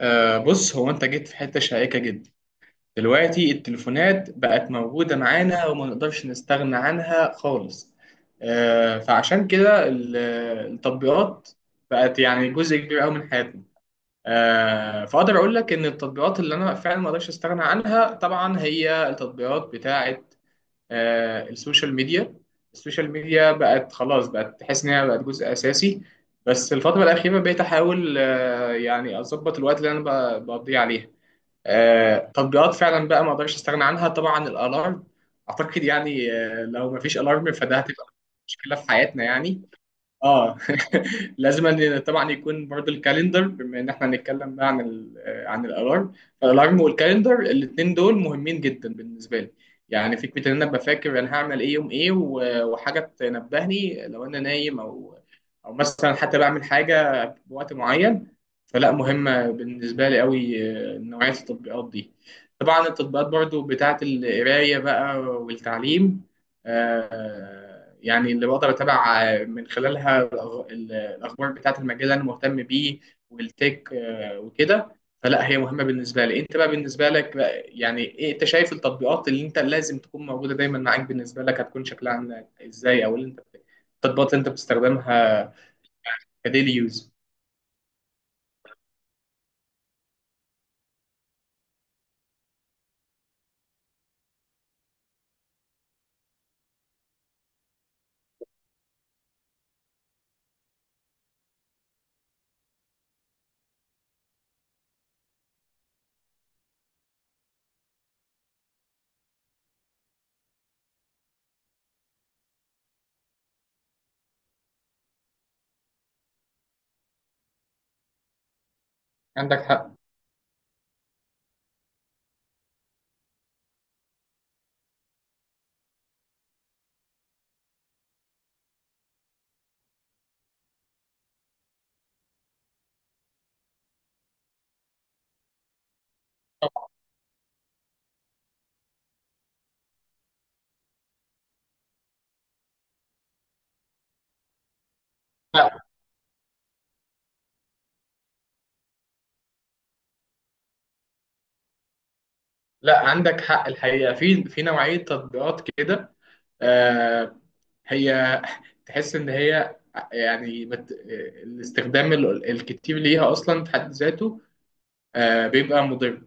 بص، هو انت جيت في حته شائكه جدا. دلوقتي التليفونات بقت موجوده معانا وما نقدرش نستغنى عنها خالص. فعشان كده التطبيقات بقت يعني جزء كبير قوي من حياتنا. فاقدر اقول لك ان التطبيقات اللي انا فعلا ما اقدرش استغنى عنها طبعا هي التطبيقات بتاعه السوشيال ميديا. السوشيال ميديا بقت خلاص، بقت تحس ان هي بقت جزء اساسي. بس الفتره الاخيره بقيت احاول يعني اظبط الوقت اللي انا بقضيه عليها. تطبيقات فعلا بقى ما اقدرش استغنى عنها طبعا الالارم. اعتقد يعني، لو ما فيش الارم فده هتبقى مشكله في حياتنا يعني. اه. لازم أن طبعا يكون برضو الكالندر، بما ان احنا هنتكلم بقى عن عن الالارم. فالالارم والكالندر الاثنين دول مهمين جدا بالنسبه لي. يعني فكره ان انا ابقى فاكر انا هعمل ايه يوم ايه و- وحاجه تنبهني لو انا نايم او مثلا حتى بعمل حاجه بوقت معين. فلا، مهمه بالنسبه لي قوي. نوعيه التطبيقات دي. طبعا التطبيقات برضو بتاعت القرايه بقى والتعليم. يعني اللي بقدر اتابع من خلالها الاخبار بتاعت المجال اللي انا مهتم بيه، والتك وكده. فلا، هي مهمه بالنسبه لي. انت بقى بالنسبه لك بقى يعني ايه؟ انت شايف التطبيقات اللي انت لازم تكون موجوده دايما معاك بالنسبه لك هتكون شكلها عامله ازاي؟ او اللي انت التطبيقات اللي انت بتستخدمها كديلي يوز. عندك حق. لا. لا، عندك حق الحقيقه، في نوعيه تطبيقات كده. آه، هي تحس ان هي يعني الاستخدام الكتير ليها اصلا في حد ذاته بيبقى مضر.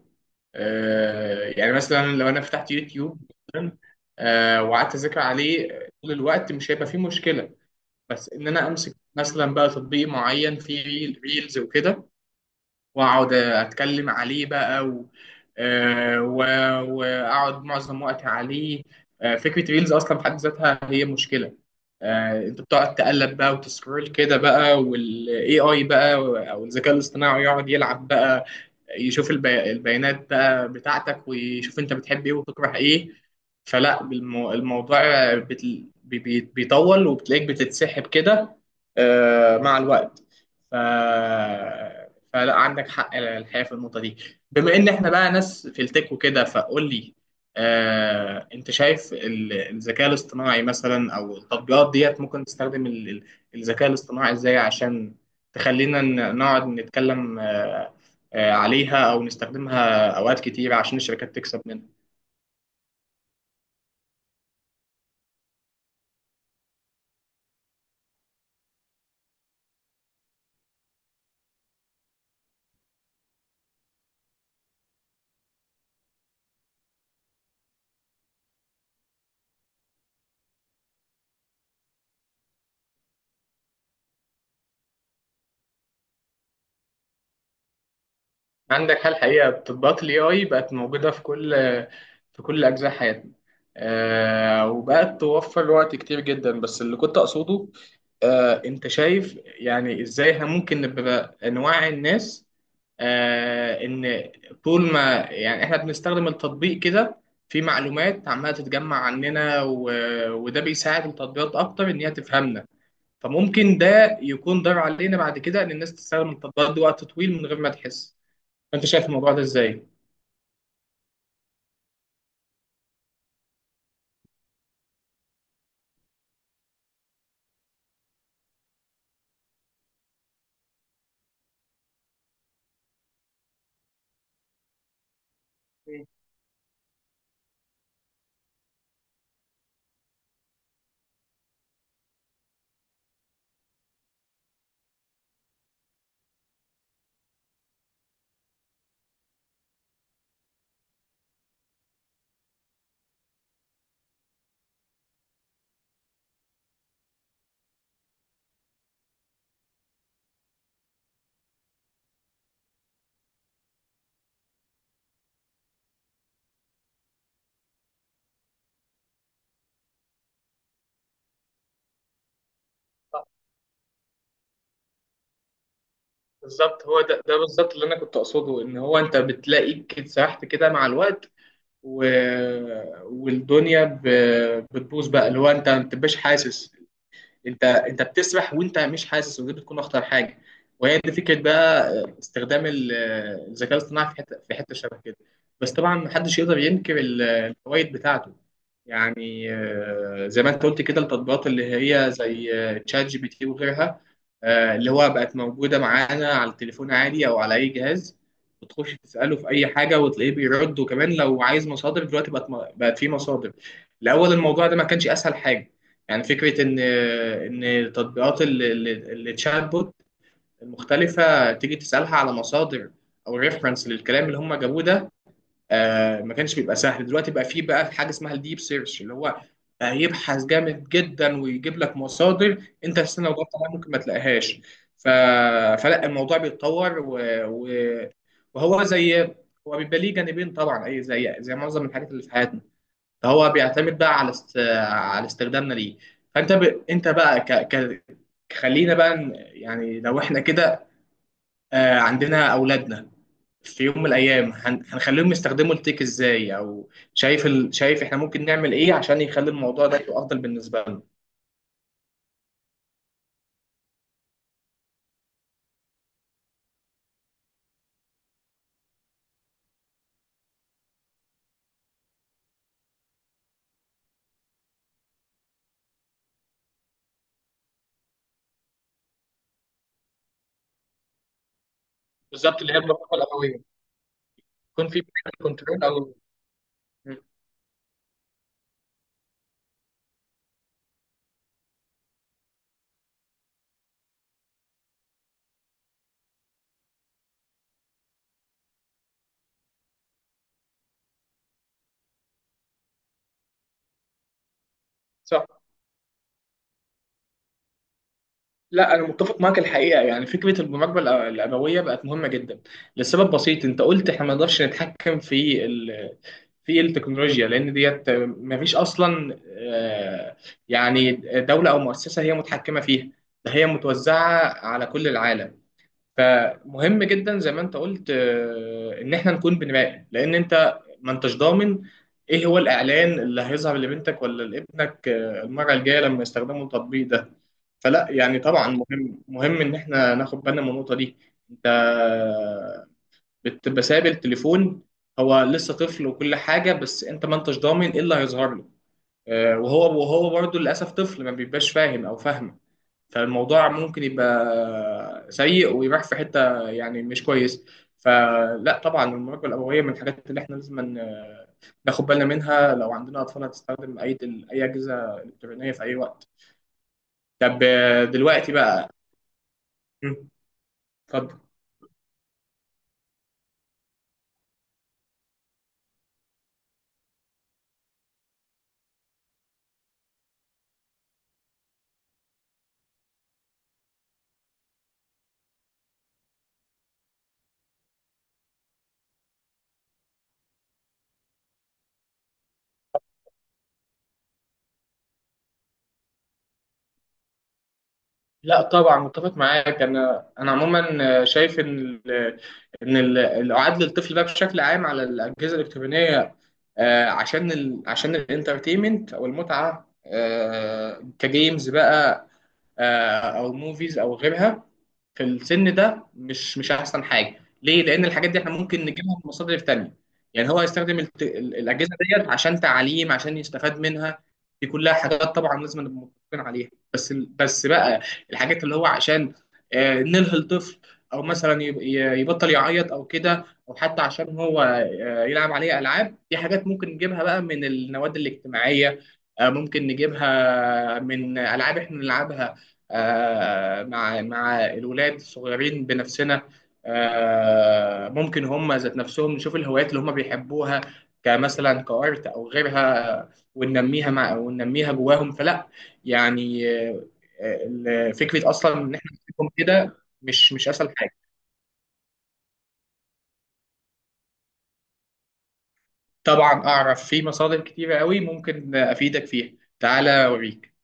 يعني مثلا لو انا فتحت يوتيوب مثلا، وقعدت اذاكر عليه طول الوقت مش هيبقى فيه مشكله. بس ان انا امسك مثلا بقى تطبيق معين فيه ريلز وكده، واقعد اتكلم عليه بقى واقعد معظم وقتي عليه. فكره ريلز اصلا في حد ذاتها هي مشكله. انت بتقعد تقلب بقى وتسكرول كده بقى والاي اي بقى، او الذكاء الاصطناعي يقعد يلعب بقى، يشوف البيانات بقى بتاعتك ويشوف انت بتحب ايه وتكره ايه. فلا الموضوع بيطول وبتلاقيك بتتسحب كده مع الوقت. ف... فلا عندك حق الحقيقه في النقطه دي. بما ان احنا بقى ناس في التك وكده، فقول لي، انت شايف الذكاء الاصطناعي مثلا او التطبيقات ديت ممكن تستخدم الذكاء الاصطناعي ازاي عشان تخلينا نقعد نتكلم عليها او نستخدمها اوقات كتير عشان الشركات تكسب منها؟ عندك حل حقيقة، تطبيقات ال AI بقت موجودة في كل أجزاء حياتنا. وبقت توفر وقت كتير جدا، بس اللي كنت أقصده، أنت شايف يعني إزاي إحنا ممكن نبقى نوعي الناس إن طول ما يعني إحنا بنستخدم التطبيق كده في معلومات عمالة تتجمع عننا وده بيساعد التطبيقات أكتر إن هي تفهمنا، فممكن ده يكون ضرر علينا بعد كده إن الناس تستخدم التطبيقات دي وقت طويل من غير ما تحس. انت شايف الموضوع ده ازاي؟ مم. بالظبط، هو ده بالظبط اللي انا كنت اقصده، ان هو انت بتلاقيك كده سرحت كده مع الوقت و... والدنيا بتبوظ بقى، اللي هو انت ما بتبقاش حاسس. انت بتسبح وانت مش حاسس، ودي بتكون اخطر حاجه. وهي دي فكره بقى استخدام الذكاء الاصطناعي في حته شبه كده. بس طبعا محدش يقدر ينكر الفوائد بتاعته. يعني زي ما انت قلت كده التطبيقات اللي هي زي تشات جي بي تي وغيرها، اللي هو بقت موجوده معانا على التليفون عادي او على اي جهاز. بتخش تساله في اي حاجه وتلاقيه بيرد، وكمان لو عايز مصادر دلوقتي بقت في مصادر. الاول الموضوع ده ما كانش اسهل حاجه. يعني فكرة إن تطبيقات الشات بوت المختلفة تيجي تسألها على مصادر أو ريفرنس للكلام اللي هم جابوه ده ما كانش بيبقى سهل. دلوقتي بقى فيه بقى حاجة اسمها الديب سيرش اللي هو بقى يبحث جامد جدا ويجيب لك مصادر أنت أساسا لو دورت عليها ممكن ما تلاقيهاش. ف... فلا الموضوع بيتطور و... و... وهو زي هو بيبقى ليه جانبين طبعا، أي زي معظم الحاجات اللي في حياتنا. فهو بيعتمد بقى على استخدامنا ليه. فانت ب... انت بقى خلينا بقى يعني لو احنا كده عندنا اولادنا في يوم من الايام هنخليهم يستخدموا التيك ازاي، او شايف احنا ممكن نعمل ايه عشان يخلي الموضوع ده يبقى افضل بالنسبه لنا؟ بالظبط، اللي هي الرقابه الابويه. يكون في كنترول او مم. صح. لا، انا متفق معاك الحقيقه. يعني فكره المراقبه الابويه بقت مهمه جدا، لسبب بسيط. انت قلت احنا ما نقدرش نتحكم في التكنولوجيا لان ديت ما فيش اصلا يعني دوله او مؤسسه هي متحكمه فيها، ده هي متوزعه على كل العالم. فمهم جدا زي ما انت قلت، ان احنا نكون بنراقب، لان انت ما انتش ضامن ايه هو الاعلان اللي هيظهر لبنتك ولا لابنك المره الجايه لما يستخدموا التطبيق ده. فلا يعني طبعا مهم مهم ان احنا ناخد بالنا من النقطه دي. انت بتبقى سايب التليفون هو لسه طفل وكل حاجه، بس انت ما انتش ضامن ايه اللي هيظهر له وهو برضه للاسف طفل ما بيبقاش فاهم او فاهمه. فالموضوع ممكن يبقى سيء ويروح في حتة يعني مش كويس. فلا طبعا المراقبة الأبوية من الحاجات اللي احنا لازم ناخد بالنا منها لو عندنا أطفال هتستخدم أي أجهزة إلكترونية في أي وقت. طب دلوقتي بقى مم، اتفضل. لا طبعا متفق معاك. انا عموما شايف ال- الاعاد للطفل بقى بشكل عام على الاجهزه الالكترونيه، عشان الانترتينمنت او المتعه، كجيمز بقى، او موفيز او غيرها، في السن ده مش احسن حاجه ليه، لان الحاجات دي احنا ممكن نجيبها من مصادر تانية. يعني هو يستخدم الاجهزه ديت عشان تعليم عشان يستفاد منها، دي كلها حاجات طبعا لازم نبقى متفقين عليها. بس بقى الحاجات اللي هو عشان نلهي الطفل، او مثلا يبطل يعيط او كده، او حتى عشان هو يلعب عليه العاب، دي حاجات ممكن نجيبها بقى من النوادي الاجتماعيه، ممكن نجيبها من العاب احنا نلعبها مع الولاد الصغيرين بنفسنا، ممكن هم ذات نفسهم نشوف الهوايات اللي هم بيحبوها، كمثلا كارت او غيرها، وننميها جواهم. فلا يعني فكره اصلا ان احنا نسيبهم كده مش اسهل حاجه. طبعا اعرف في مصادر كتيره قوي ممكن افيدك فيها، تعالى اوريك.